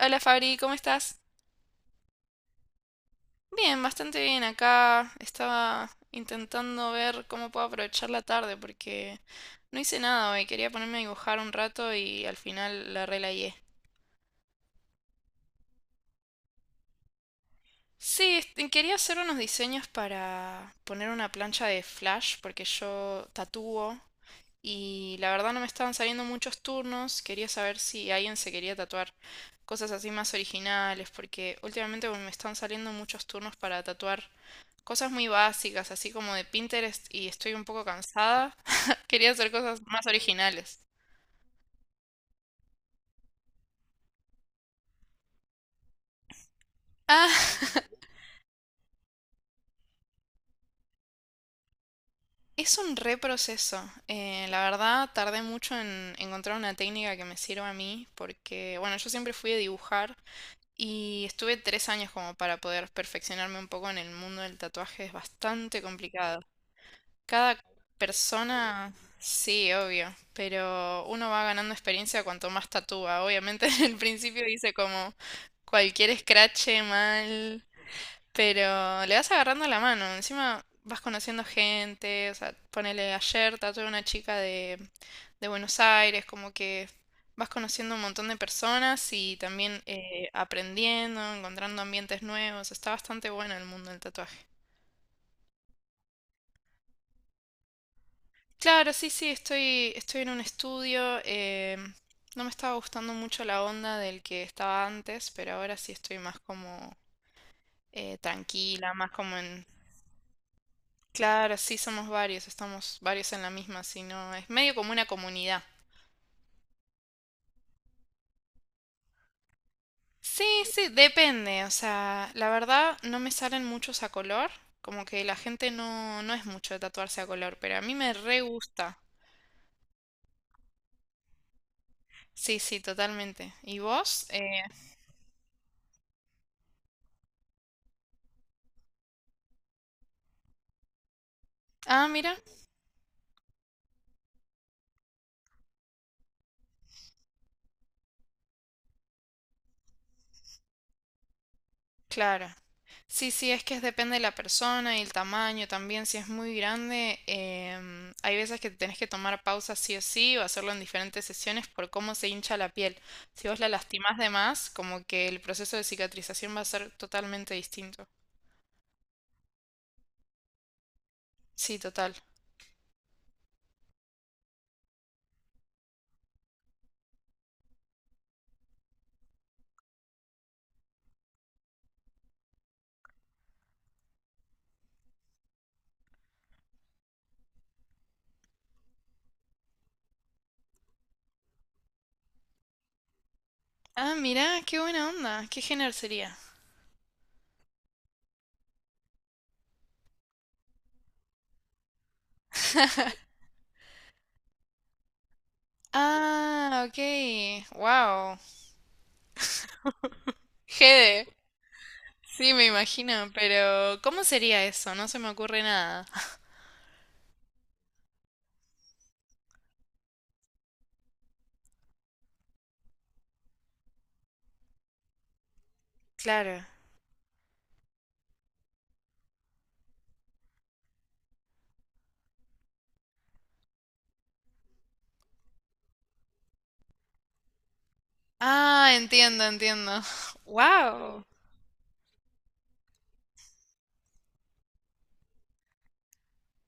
Hola Fabri, ¿cómo estás? Bien, bastante bien acá. Estaba intentando ver cómo puedo aprovechar la tarde porque no hice nada hoy. Quería ponerme a dibujar un rato y al final la relayé. Sí, quería hacer unos diseños para poner una plancha de flash porque yo tatúo. Y la verdad no me estaban saliendo muchos turnos, quería saber si alguien se quería tatuar cosas así más originales, porque últimamente me están saliendo muchos turnos para tatuar cosas muy básicas, así como de Pinterest, y estoy un poco cansada. Quería hacer cosas más originales. Ah, es un reproceso. La verdad, tardé mucho en encontrar una técnica que me sirva a mí, porque, bueno, yo siempre fui a dibujar. Y estuve 3 años como para poder perfeccionarme un poco en el mundo del tatuaje. Es bastante complicado. Cada persona, sí, obvio, pero uno va ganando experiencia cuanto más tatúa. Obviamente, en el principio dice como cualquier escrache mal, pero le vas agarrando la mano, encima vas conociendo gente, o sea, ponele ayer tatué a una chica de Buenos Aires, como que vas conociendo un montón de personas y también aprendiendo, encontrando ambientes nuevos, está bastante bueno el mundo del tatuaje. Claro, sí, sí, estoy en un estudio, no me estaba gustando mucho la onda del que estaba antes, pero ahora sí estoy más como tranquila, más como en. Claro, sí, somos varios, estamos varios en la misma, si no, es medio como una comunidad. Sí, sí, depende, o sea, la verdad no me salen muchos a color, como que la gente no, no es mucho de tatuarse a color, pero a mí me re gusta. Sí, sí, totalmente. ¿Y vos? Ah, mira. Claro. Sí, sí, es que depende de la persona y el tamaño también. Si es muy grande, hay veces que tenés que tomar pausas sí o sí o hacerlo en diferentes sesiones por cómo se hincha la piel. Si vos la lastimás de más, como que el proceso de cicatrización va a ser totalmente distinto. Sí, total. Ah, mirá, qué buena onda. ¿Qué género sería? Ah, ok. Wow. Gede. Sí, me imagino, pero ¿cómo sería eso? No se me ocurre nada. Claro. Ah, entiendo, entiendo. Wow.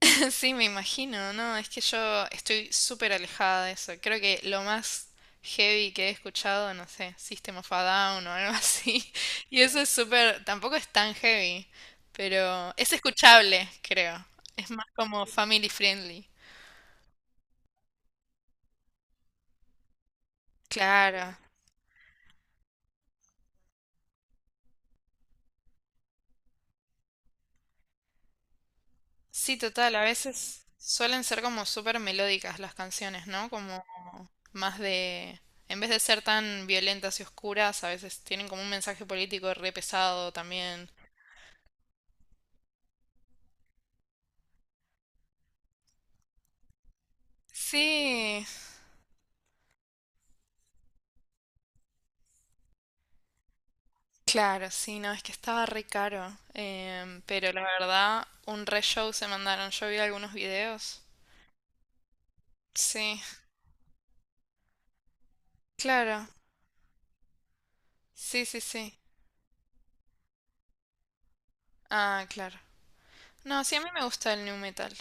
Sí, me imagino, ¿no? Es que yo estoy súper alejada de eso. Creo que lo más heavy que he escuchado, no sé, System of a Down o algo así. Y eso es súper, tampoco es tan heavy, pero es escuchable, creo. Es más como family friendly. Claro. Sí, total, a veces suelen ser como súper melódicas las canciones, ¿no? Como más en vez de ser tan violentas y oscuras, a veces tienen como un mensaje político re pesado también. Sí, claro, sí, no, es que estaba re caro, pero la verdad, un re show se mandaron, yo vi algunos videos. Sí, claro, sí, sí, sí. Ah, claro. No, sí, a mí me gusta el new metal.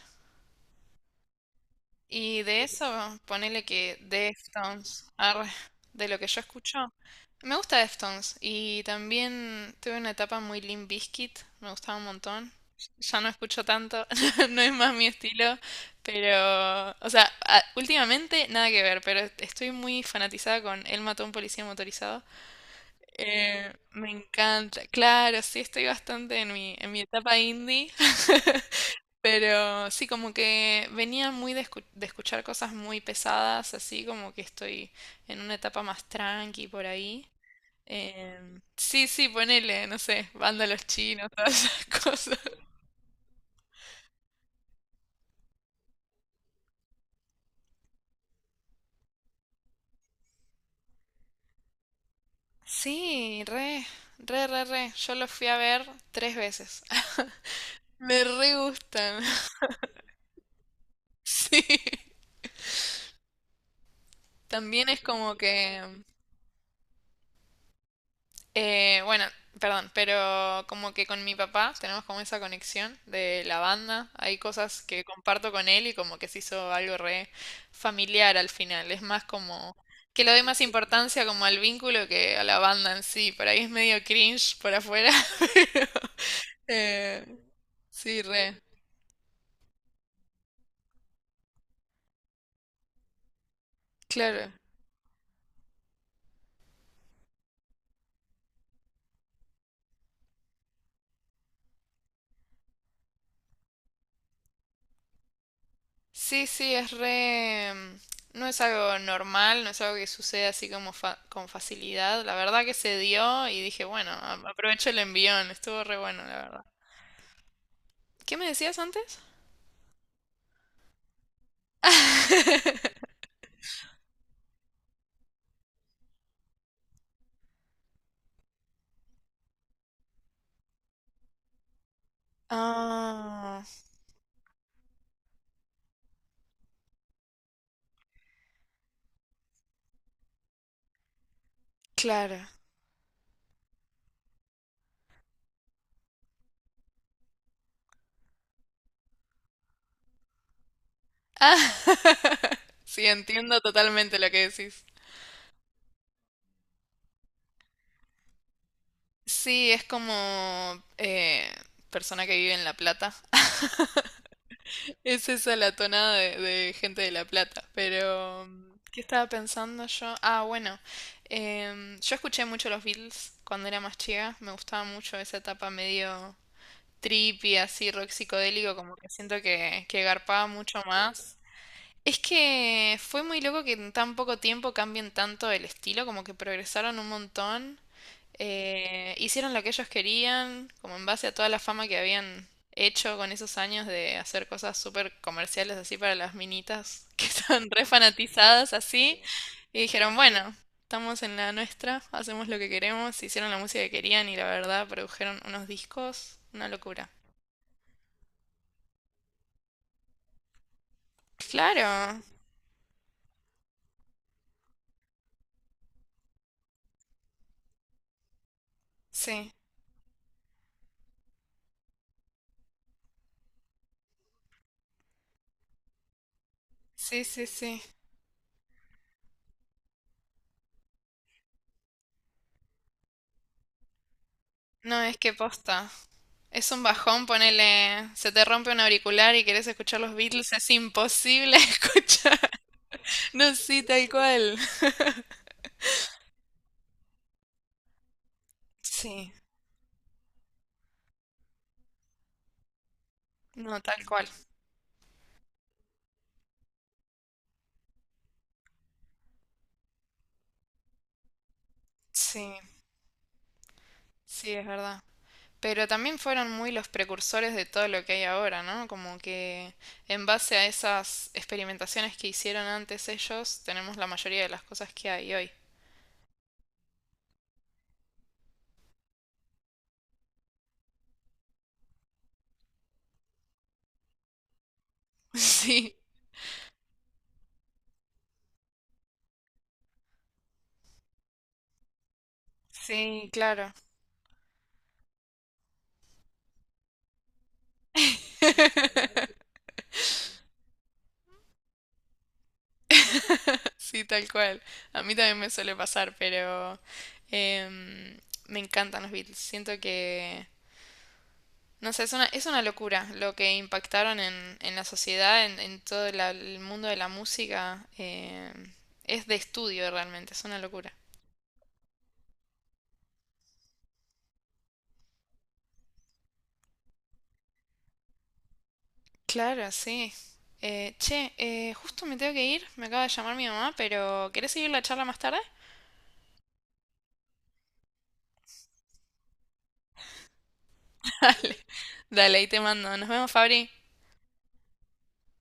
Y de eso, ponele que Deftones, arre, de lo que yo escucho, me gusta Deftones. Y también tuve una etapa muy Limp Bizkit, me gustaba un montón. Ya no escucho tanto, no es más mi estilo, pero, o sea, últimamente nada que ver, pero estoy muy fanatizada con Él mató a un policía motorizado. Me encanta, claro, sí, estoy bastante en mi etapa indie. Pero sí, como que venía muy de escuchar cosas muy pesadas, así como que estoy en una etapa más tranqui por ahí. Sí, sí, ponele, no sé, banda Los Chinos, todas esas cosas. Sí, re, re, re, re. Yo los fui a ver 3 veces. Me re gustan. Sí. También es como que. Bueno, perdón, pero como que con mi papá tenemos como esa conexión de la banda. Hay cosas que comparto con él y como que se hizo algo re familiar al final. Es más como que le doy más importancia como al vínculo que a la banda en sí. Por ahí es medio cringe por afuera, pero eh, sí, re. Claro. Sí, sí, es re. No es algo normal, no es algo que sucede así como con facilidad. La verdad que se dio y dije, bueno, aprovecho el envión, estuvo re bueno, la verdad. ¿Qué me decías antes? Ah, claro. Ah, sí, entiendo totalmente lo que decís. Sí, es como eh, persona que vive en La Plata. Es esa la tonada de gente de La Plata, pero ¿qué estaba pensando yo? Ah, bueno, yo escuché mucho los Beatles cuando era más chica, me gustaba mucho esa etapa medio trippy, así rock psicodélico, como que siento que garpaba mucho más. Es que fue muy loco que en tan poco tiempo cambien tanto el estilo, como que progresaron un montón. Hicieron lo que ellos querían, como en base a toda la fama que habían hecho con esos años de hacer cosas súper comerciales así para las minitas que estaban re fanatizadas así. Y dijeron, bueno, estamos en la nuestra, hacemos lo que queremos, hicieron la música que querían y la verdad produjeron unos discos, una locura. Claro, sí, sí, sí, sí. No, es que posta. Es un bajón, ponele, se te rompe un auricular y querés escuchar los Beatles, es imposible escuchar. No, sí, tal cual. Sí, no, tal cual. Sí, sí, es verdad. Pero también fueron muy los precursores de todo lo que hay ahora, ¿no? Como que en base a esas experimentaciones que hicieron antes ellos, tenemos la mayoría de las cosas que hay hoy. Sí. Sí, claro. Sí, tal cual. A mí también me suele pasar, pero em, me encantan los Beatles. Siento que no sé, es una locura lo que impactaron en la sociedad, en todo el mundo de la música. Es de estudio realmente, es una locura. Claro, sí. Che, justo me tengo que ir, me acaba de llamar mi mamá, pero ¿querés seguir la charla más tarde? Dale, dale, ahí te mando. Nos vemos, Fabri.